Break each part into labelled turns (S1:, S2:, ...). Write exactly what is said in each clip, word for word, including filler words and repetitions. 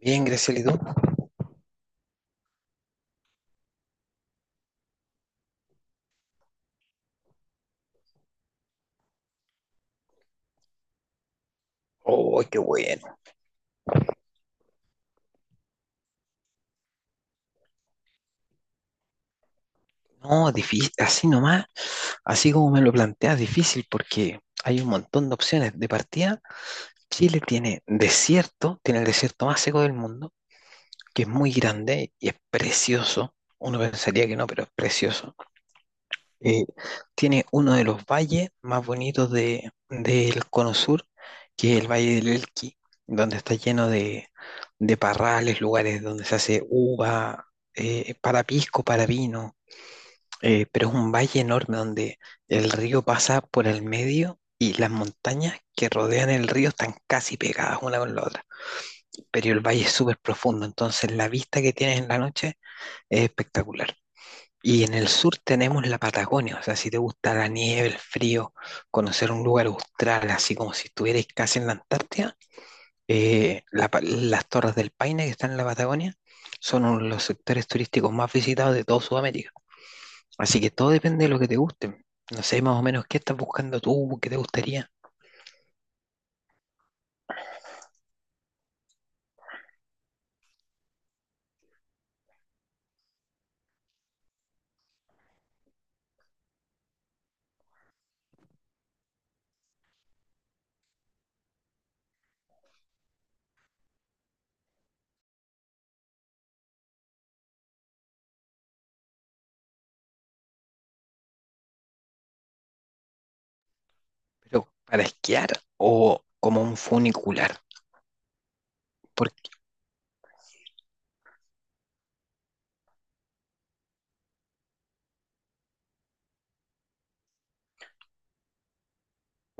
S1: Bien, Graciela, ¿y tú? Oh, qué bueno. No, difícil, así nomás, así como me lo planteas, difícil porque hay un montón de opciones. De partida, Chile tiene desierto, tiene el desierto más seco del mundo, que es muy grande y es precioso. Uno pensaría que no, pero es precioso. Eh, Tiene uno de los valles más bonitos de, del Cono Sur, que es el Valle del Elqui, donde está lleno de, de parrales, lugares donde se hace uva, eh, para pisco, para vino eh, pero es un valle enorme donde el río pasa por el medio y las montañas que rodean el río están casi pegadas una con la otra. Pero el valle es súper profundo, entonces la vista que tienes en la noche es espectacular. Y en el sur tenemos la Patagonia, o sea, si te gusta la nieve, el frío, conocer un lugar austral, así como si estuvieras casi en la Antártida, eh, la pa- las Torres del Paine que están en la Patagonia son uno de los sectores turísticos más visitados de toda Sudamérica. Así que todo depende de lo que te guste. No sé más o menos qué estás buscando tú, qué te gustaría. Pero para esquiar o como un funicular. Porque,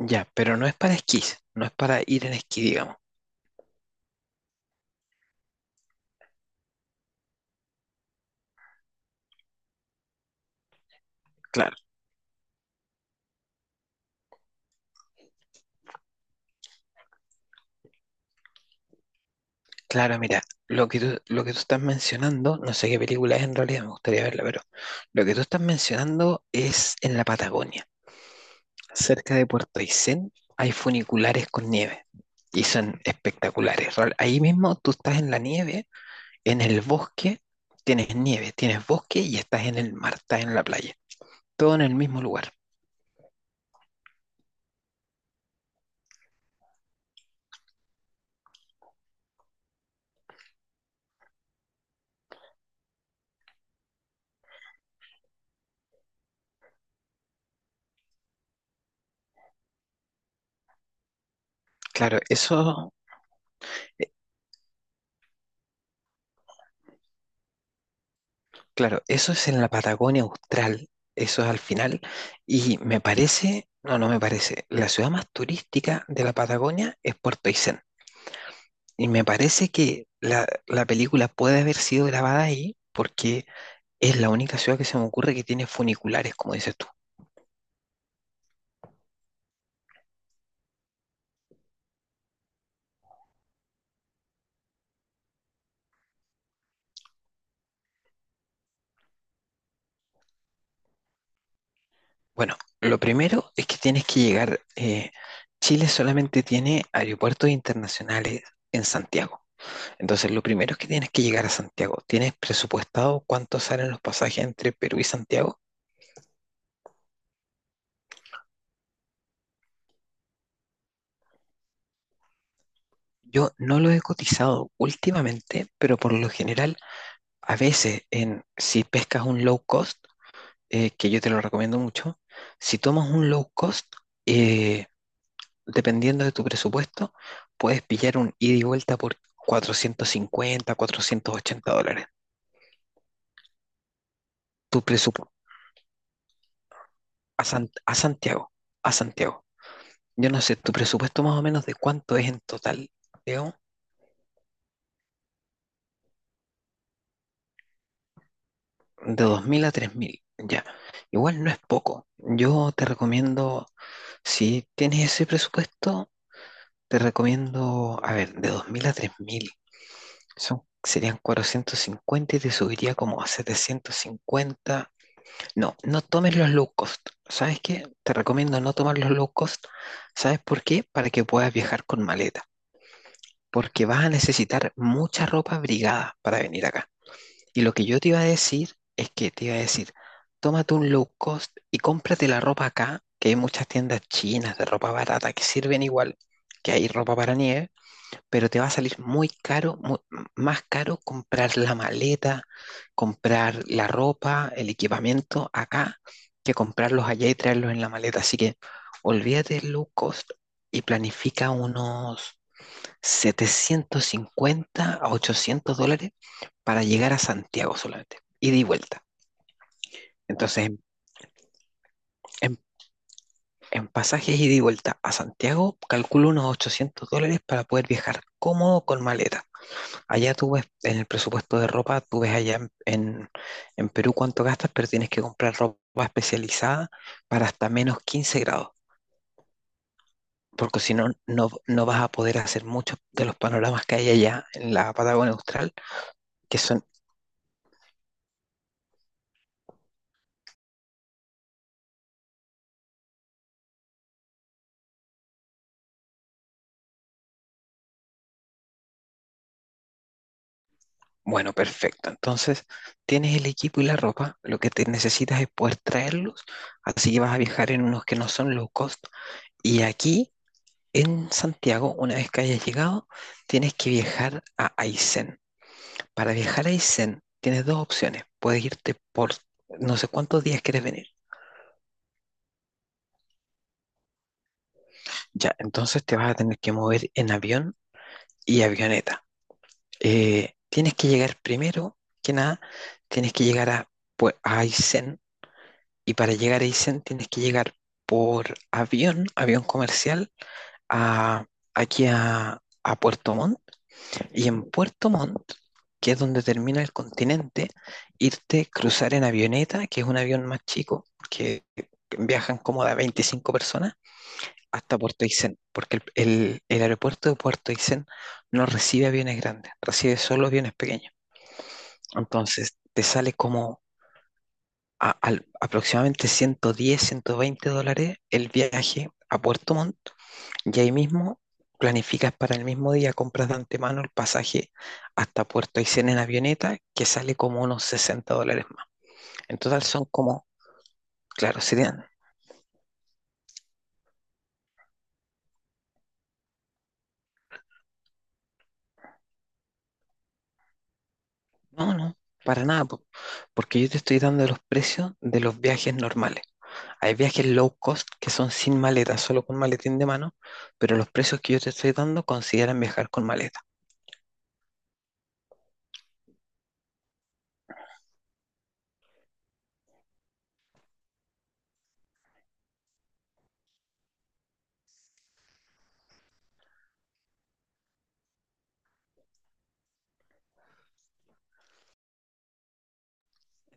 S1: ya, pero no es para esquís, no es para ir en esquí, digamos. Claro, claro, mira, lo que tú, lo que tú estás mencionando, no sé qué película es en realidad, me gustaría verla, pero lo que tú estás mencionando es en la Patagonia. Cerca de Puerto Aysén hay funiculares con nieve y son espectaculares. Real- Ahí mismo tú estás en la nieve. En el bosque tienes nieve, tienes bosque y estás en el mar, estás en la playa. Todo en el mismo lugar. Claro, eso, eh, claro, eso es en la Patagonia Austral. Eso es al final. Y me parece, no, no me parece. La ciudad más turística de la Patagonia es Puerto Aysén. Y me parece que la, la película puede haber sido grabada ahí porque es la única ciudad que se me ocurre que tiene funiculares, como dices tú. Bueno, lo primero es que tienes que llegar. eh, Chile solamente tiene aeropuertos internacionales en Santiago. Entonces, lo primero es que tienes que llegar a Santiago. ¿Tienes presupuestado cuánto salen los pasajes entre Perú y Santiago? Yo no lo he cotizado últimamente, pero por lo general, a veces, en, si pescas un low cost, eh, que yo te lo recomiendo mucho, si tomas un low cost, eh, dependiendo de tu presupuesto, puedes pillar un ida y vuelta por cuatrocientos cincuenta, cuatrocientos ochenta dólares. Tu presupuesto a, San- a Santiago, a Santiago. Yo no sé, tu presupuesto más o menos de cuánto es en total, Leo, de dos mil a tres mil, ya. Igual no es poco. Yo te recomiendo, si tienes ese presupuesto, te recomiendo, a ver, de dos mil a tres mil. Son, serían cuatrocientos cincuenta y te subiría como a setecientos cincuenta. No, no tomes los low cost. ¿Sabes qué? Te recomiendo no tomar los low cost. ¿Sabes por qué? Para que puedas viajar con maleta. Porque vas a necesitar mucha ropa abrigada para venir acá. Y lo que yo te iba a decir es que te iba a decir, tómate un low cost y cómprate la ropa acá, que hay muchas tiendas chinas de ropa barata que sirven igual, que hay ropa para nieve, pero te va a salir muy caro, mu- más caro comprar la maleta, comprar la ropa, el equipamiento acá, que comprarlos allá y traerlos en la maleta. Así que olvídate del low cost y planifica unos setecientos cincuenta a ochocientos dólares para llegar a Santiago solamente, ida y vuelta. Entonces, en, en- en pasajes ida y vuelta a Santiago, calculo unos ochocientos dólares para poder viajar cómodo con maleta. Allá tú ves en el presupuesto de ropa, tú ves allá en, en- en Perú cuánto gastas, pero tienes que comprar ropa especializada para hasta menos quince grados, porque si no, no, no vas a poder hacer muchos de los panoramas que hay allá en la Patagonia Austral, que son, bueno, perfecto. Entonces, tienes el equipo y la ropa, lo que te necesitas es poder traerlos, así que vas a viajar en unos que no son low cost. Y aquí, en Santiago, una vez que hayas llegado, tienes que viajar a Aysén. Para viajar a Isen tienes dos opciones. Puedes irte por no sé cuántos días quieres venir. Ya, entonces te vas a tener que mover en avión y avioneta. Eh, tienes que llegar primero que nada, tienes que llegar a, pues, a Aysén, y para llegar a Aysén tienes que llegar por avión, avión comercial, a, aquí a, a Puerto Montt. Y en Puerto Montt, que es donde termina el continente, irte, cruzar en avioneta, que es un avión más chico, que viajan como de veinticinco personas, hasta Puerto Aysén, porque el, el- el aeropuerto de Puerto Aysén no recibe aviones grandes, recibe solo aviones pequeños. Entonces, te sale como a- al- aproximadamente ciento diez, ciento veinte dólares el viaje a Puerto Montt y ahí mismo planificas para el mismo día, compras de antemano el pasaje hasta Puerto Aysén en avioneta, que sale como unos sesenta dólares más. En total son como, claro, serían, no, no, para nada, po, porque yo te estoy dando los precios de los viajes normales. Hay viajes low cost que son sin maleta, solo con maletín de mano, pero los precios que yo te estoy dando consideran viajar con maleta.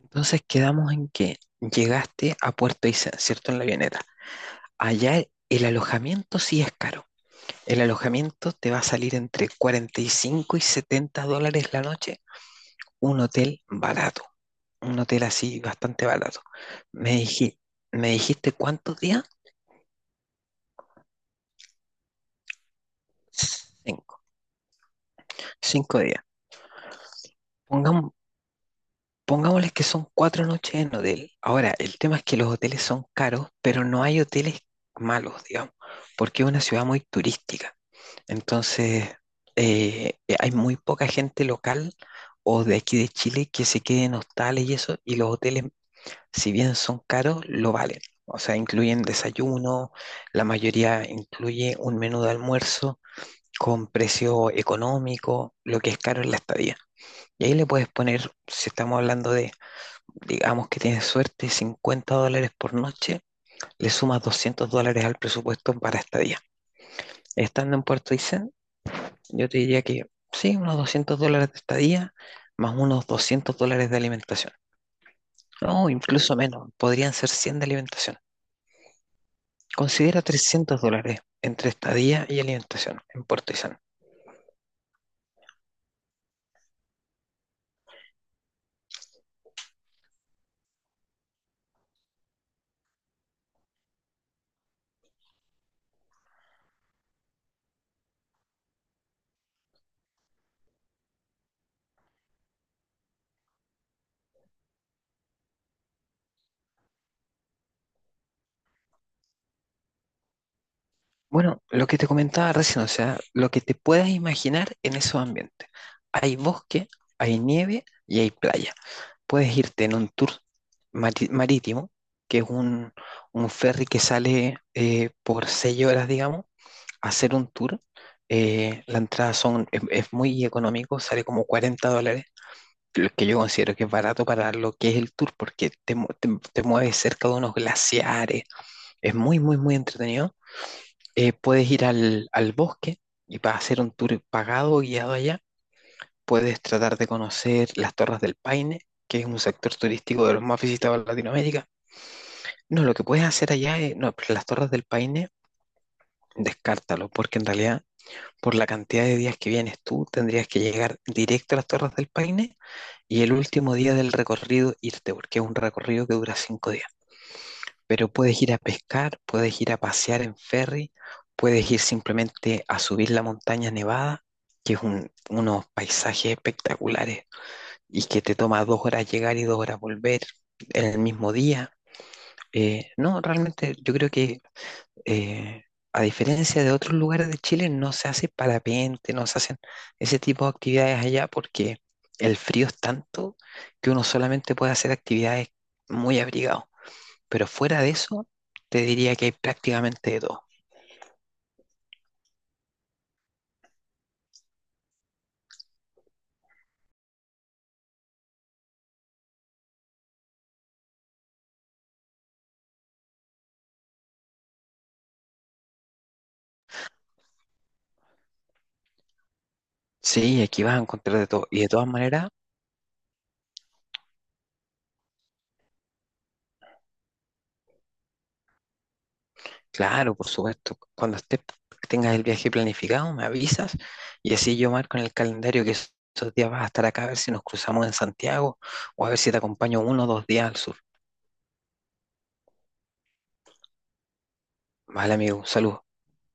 S1: Entonces quedamos en que llegaste a Puerto Aysén, ¿cierto? En la avioneta. Allá el, el alojamiento sí es caro. El alojamiento te va a salir entre cuarenta y cinco y setenta dólares la noche, un hotel barato, un hotel así bastante barato. Me diji- ¿Me dijiste cuántos días? Cinco. Cinco días. Pongamos, Pongámosles que son cuatro noches en hotel. Ahora, el tema es que los hoteles son caros, pero no hay hoteles malos, digamos, porque es una ciudad muy turística. Entonces, eh, eh, hay muy poca gente local o de aquí de Chile que se quede en hostales y eso, y los hoteles, si bien son caros, lo valen. O sea, incluyen desayuno, la mayoría incluye un menú de almuerzo con precio económico, lo que es caro es la estadía. Y ahí le puedes poner, si estamos hablando de, digamos que tienes suerte, cincuenta dólares por noche, le sumas doscientos dólares al presupuesto para estadía. Estando en Puerto Aysén, yo te diría que sí, unos doscientos dólares de estadía, más unos doscientos dólares de alimentación. No, incluso menos, podrían ser cien de alimentación. Considera trescientos dólares entre estadía y alimentación en Puerto Aysén. Bueno, lo que te comentaba recién, o sea, lo que te puedas imaginar en esos ambientes. Hay bosque, hay nieve y hay playa. Puedes irte en un tour mari- marítimo, que es un, un ferry que sale eh, por seis horas, digamos, a hacer un tour. Eh, la entrada son, es, es muy económico, sale como cuarenta dólares, lo que yo considero que es barato para lo que es el tour, porque te, mu- te- te mueves cerca de unos glaciares, es muy, muy, muy entretenido. Eh, puedes ir al, al bosque y para hacer un tour pagado, guiado allá, puedes tratar de conocer las Torres del Paine, que es un sector turístico de los más visitados en Latinoamérica. No, lo que puedes hacer allá es, no, pero las Torres del Paine, descártalo, porque en realidad, por la cantidad de días que vienes tú, tendrías que llegar directo a las Torres del Paine y el último día del recorrido irte, porque es un recorrido que dura cinco días. Pero puedes ir a pescar, puedes ir a pasear en ferry, puedes ir simplemente a subir la montaña nevada, que es un- unos paisajes espectaculares, y que te toma dos horas llegar y dos horas volver en el mismo día. Eh, no, realmente yo creo que eh, a diferencia de otros lugares de Chile no se hace parapente, no se hacen ese tipo de actividades allá porque el frío es tanto que uno solamente puede hacer actividades muy abrigado. Pero fuera de eso, te diría que hay prácticamente de todo. Sí, aquí vas a encontrar de todo. Y de todas maneras, claro, por supuesto. Cuando estés, tengas el viaje planificado, me avisas y así yo marco en el calendario que es- esos días vas a estar acá a ver si nos cruzamos en Santiago o a ver si te acompaño uno o dos días al sur. Vale, amigo, salud.